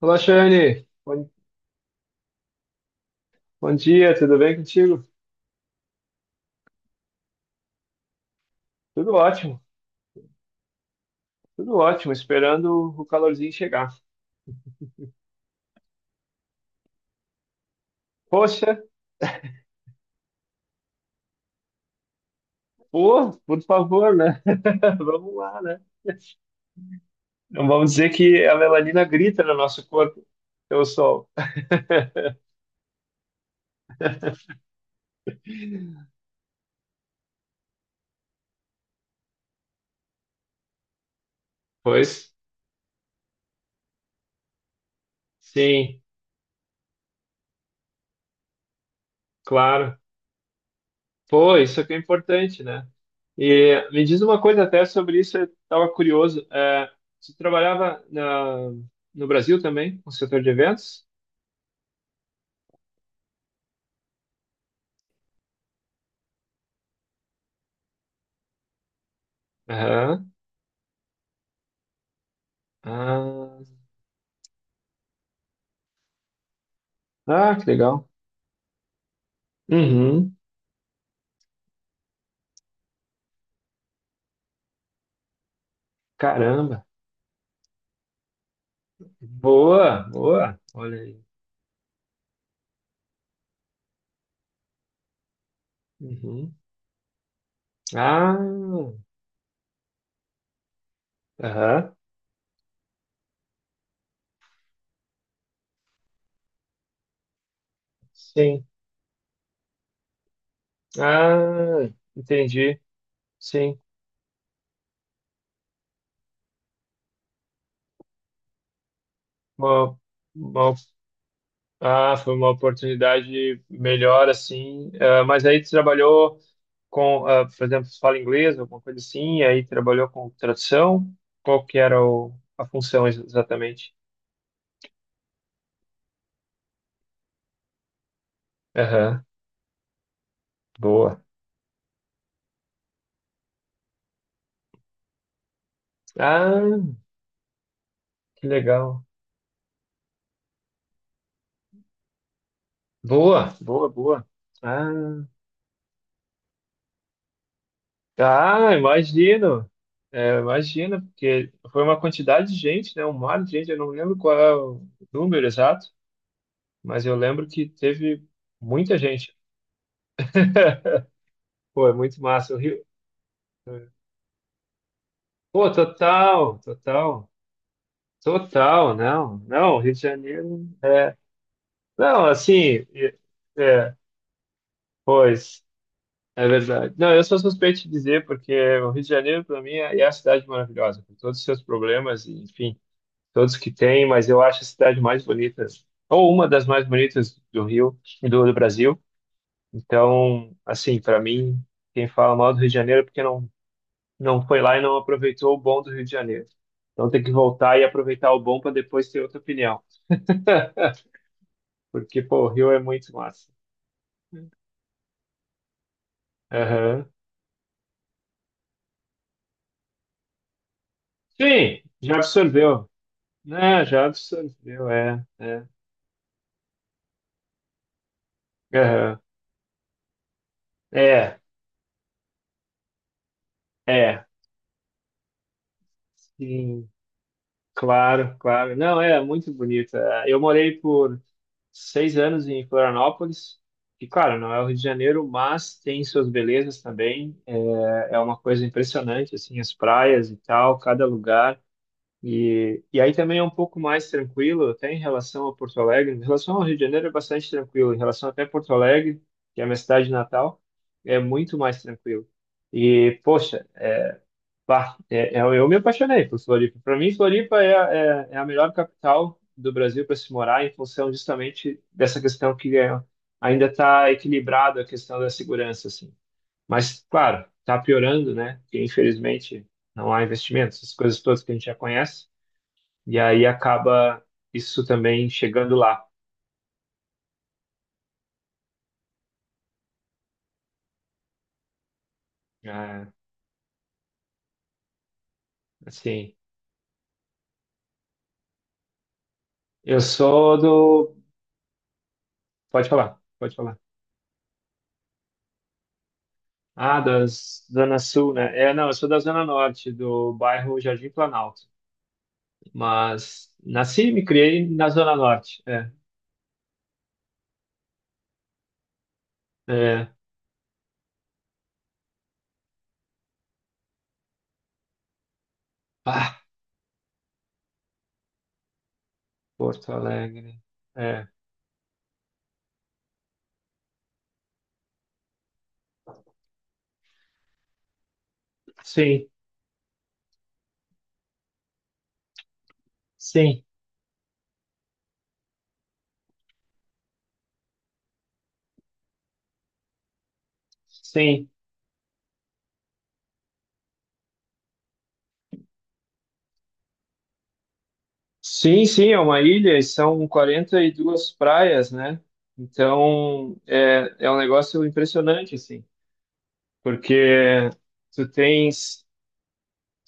Olá, Shane. Bom, bom dia, tudo bem contigo? Tudo ótimo, tudo ótimo, esperando o calorzinho chegar. Poxa, pô, por favor, né? Vamos lá, né? Não vamos dizer que a melanina grita no nosso corpo, pelo sol. Pois, sim, claro. Pô, isso é que é importante, né? E me diz uma coisa até sobre isso, eu estava curioso. Você trabalhava no Brasil também, no setor de eventos? Aham. Ah, ah, que legal. Uhum. Caramba. Boa, boa. Olha aí. Uhum. Ah, aham. Sim. Ah, entendi. Sim. Uma, uma- ah, foi uma oportunidade melhor, assim. Ah, mas aí tu trabalhou com, por exemplo, tu fala inglês, alguma coisa assim, e aí trabalhou com tradução. Qual que era a função exatamente? Aham. Boa. Ah, que legal. Boa, boa, boa. Ah, ah, imagino. É, imagino, porque foi uma quantidade de gente, né? Um mar de gente, eu não lembro qual é o número exato, mas eu lembro que teve muita gente. Pô, é muito massa. O Rio... Pô, total, total, total, não, não, Rio de Janeiro, não, assim, é, pois, é verdade. Não, eu sou suspeito de dizer, porque o Rio de Janeiro, para mim, é a cidade maravilhosa, com todos os seus problemas, e, enfim, todos que tem, mas eu acho a cidade mais bonita, ou uma das mais bonitas do Rio do Brasil. Então, assim, para mim, quem fala mal do Rio de Janeiro é porque não, não foi lá e não aproveitou o bom do Rio de Janeiro. Então tem que voltar e aproveitar o bom para depois ter outra opinião, porque, pô, o Rio é muito massa. Aham. Sim, já absorveu. Né, já absorveu, é, é. Aham. É, é, sim. Claro, claro. Não, é muito bonita. Eu morei por seis anos em Florianópolis, e claro, não é o Rio de Janeiro, mas tem suas belezas também. É, é uma coisa impressionante, assim, as praias e tal, cada lugar. E aí também é um pouco mais tranquilo, até em relação a Porto Alegre. Em relação ao Rio de Janeiro é bastante tranquilo, em relação até a Porto Alegre, que é a minha cidade natal, é muito mais tranquilo. E, poxa, pá, eu me apaixonei por Floripa. Para mim, Floripa é, é a melhor capital do Brasil para se morar, em função justamente dessa questão ainda está equilibrada a questão da segurança, assim. Mas, claro, está piorando, né? Porque, infelizmente, não há investimentos, essas coisas todas que a gente já conhece. E aí acaba isso também chegando lá. É, assim, eu sou do... Pode falar, pode falar. Ah, da Zona Sul, né? É, não, eu sou da Zona Norte, do bairro Jardim Planalto. Mas nasci e me criei na Zona Norte. É, é. Ah, Porto Alegre. É, sim, sim, sim. Sim, sim, é uma ilha e são 42 praias, né? Então, é, é um negócio impressionante, assim, porque tu tens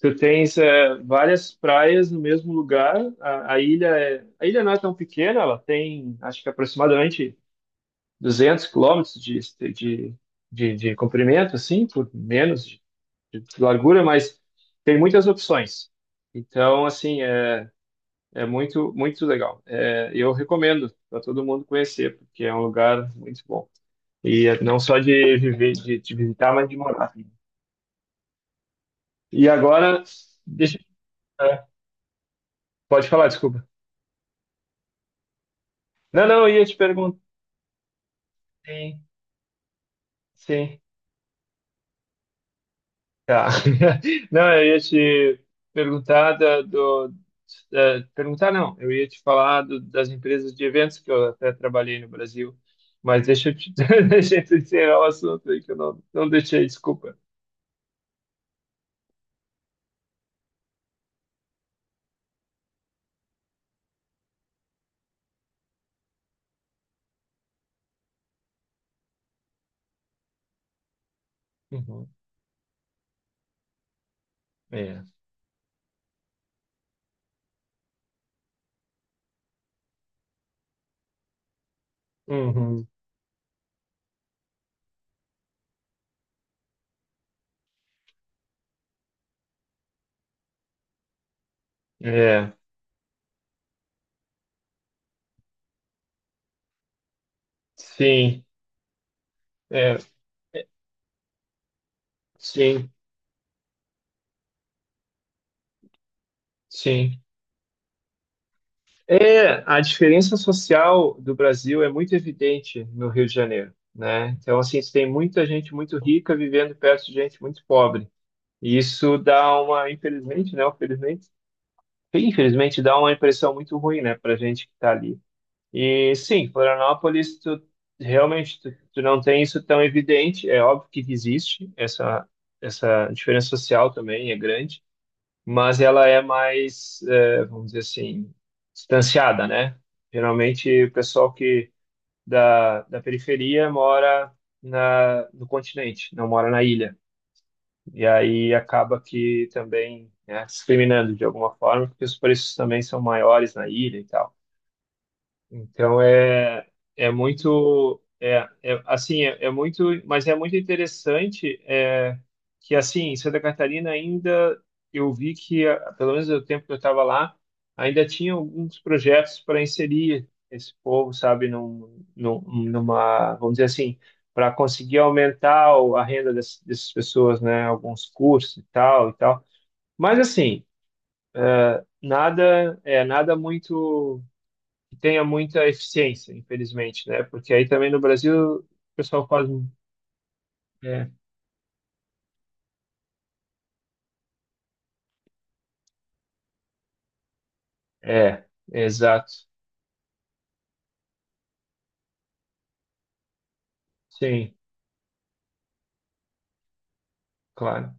tu tens é, várias praias no mesmo lugar. A ilha é, a ilha não é tão pequena, ela tem, acho que aproximadamente 200 quilômetros de, de comprimento, assim, por menos de largura, mas tem muitas opções. Então, assim, é, é muito, muito legal. É, eu recomendo para todo mundo conhecer, porque é um lugar muito bom. E é não só de viver, de visitar, mas de morar. E agora, deixa, é, pode falar, desculpa. Não, não, eu ia te perguntar. Sim, sim, tá. Não, eu ia te perguntar perguntar não, eu ia te falar das empresas de eventos que eu até trabalhei no Brasil, mas deixa eu te, deixa eu te encerrar o assunto aí que eu não, não deixei, desculpa. Uhum, é, uhum, é, sim, é, sim, sim. É, a diferença social do Brasil é muito evidente no Rio de Janeiro, né? Então, assim, você tem muita gente muito rica vivendo perto de gente muito pobre. E isso dá uma, infelizmente, né? Infelizmente, infelizmente dá uma impressão muito ruim, né, para gente que está ali. E sim, Florianópolis, tu, realmente tu não tem isso tão evidente. É óbvio que existe essa essa diferença social também é grande, mas ela é mais, é, vamos dizer assim, distanciada, né? Geralmente o pessoal que da periferia mora no continente, não mora na ilha. E aí acaba que também, né, discriminando de alguma forma, porque os preços também são maiores na ilha e tal. Então é, é muito é, é assim é, é muito mas é muito interessante é, que assim em Santa Catarina ainda eu vi pelo menos no tempo que eu estava lá ainda tinha alguns projetos para inserir esse povo sabe numa vamos dizer assim para conseguir aumentar a renda dessas pessoas, né, alguns cursos e tal mas assim nada é nada muito que tenha muita eficiência, infelizmente, né? Porque aí também no Brasil o pessoal quase. É, é, exato. Sim, claro.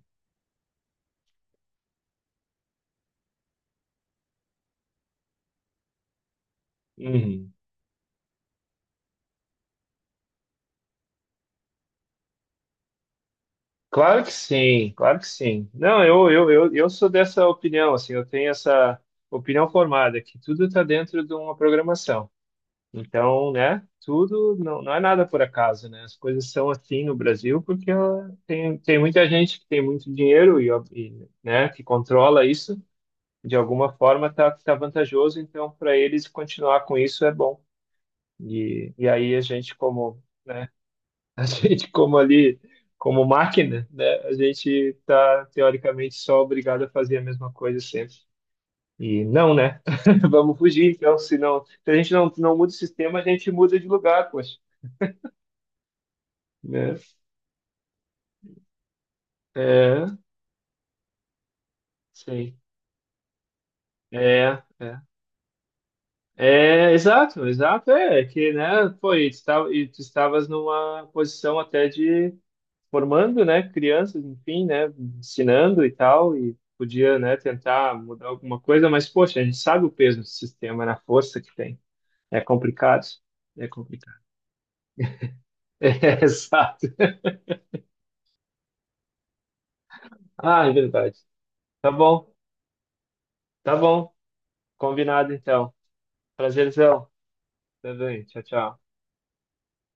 Uhum. Claro que sim, claro que sim. Não, eu sou dessa opinião, assim, eu tenho essa opinião formada, que tudo está dentro de uma programação. Então, né, tudo não, não é nada por acaso, né? As coisas são assim no Brasil porque ó, tem muita gente que tem muito dinheiro e, ó, e, né, que controla isso de alguma forma está tá tá vantajoso, então para eles continuar com isso é bom. E aí a gente como, né, a gente como ali, como máquina, né, a gente está teoricamente só obrigado a fazer a mesma coisa sempre. E não, né? Vamos fugir, então, se não, se a gente não, não muda o sistema, a gente muda de lugar, poxa, né? É, sim. É, é. É, exato, exato, é que, né, pô, e tu estavas numa posição até de, formando, né, crianças, enfim, né, ensinando e tal, e podia, né, tentar mudar alguma coisa, mas, poxa, a gente sabe o peso do sistema, na força que tem. É complicado, é complicado. É, exato. Ah, é verdade. Tá bom, tá bom. Combinado, então. Prazerzão. Tá bem, tchau, tchau.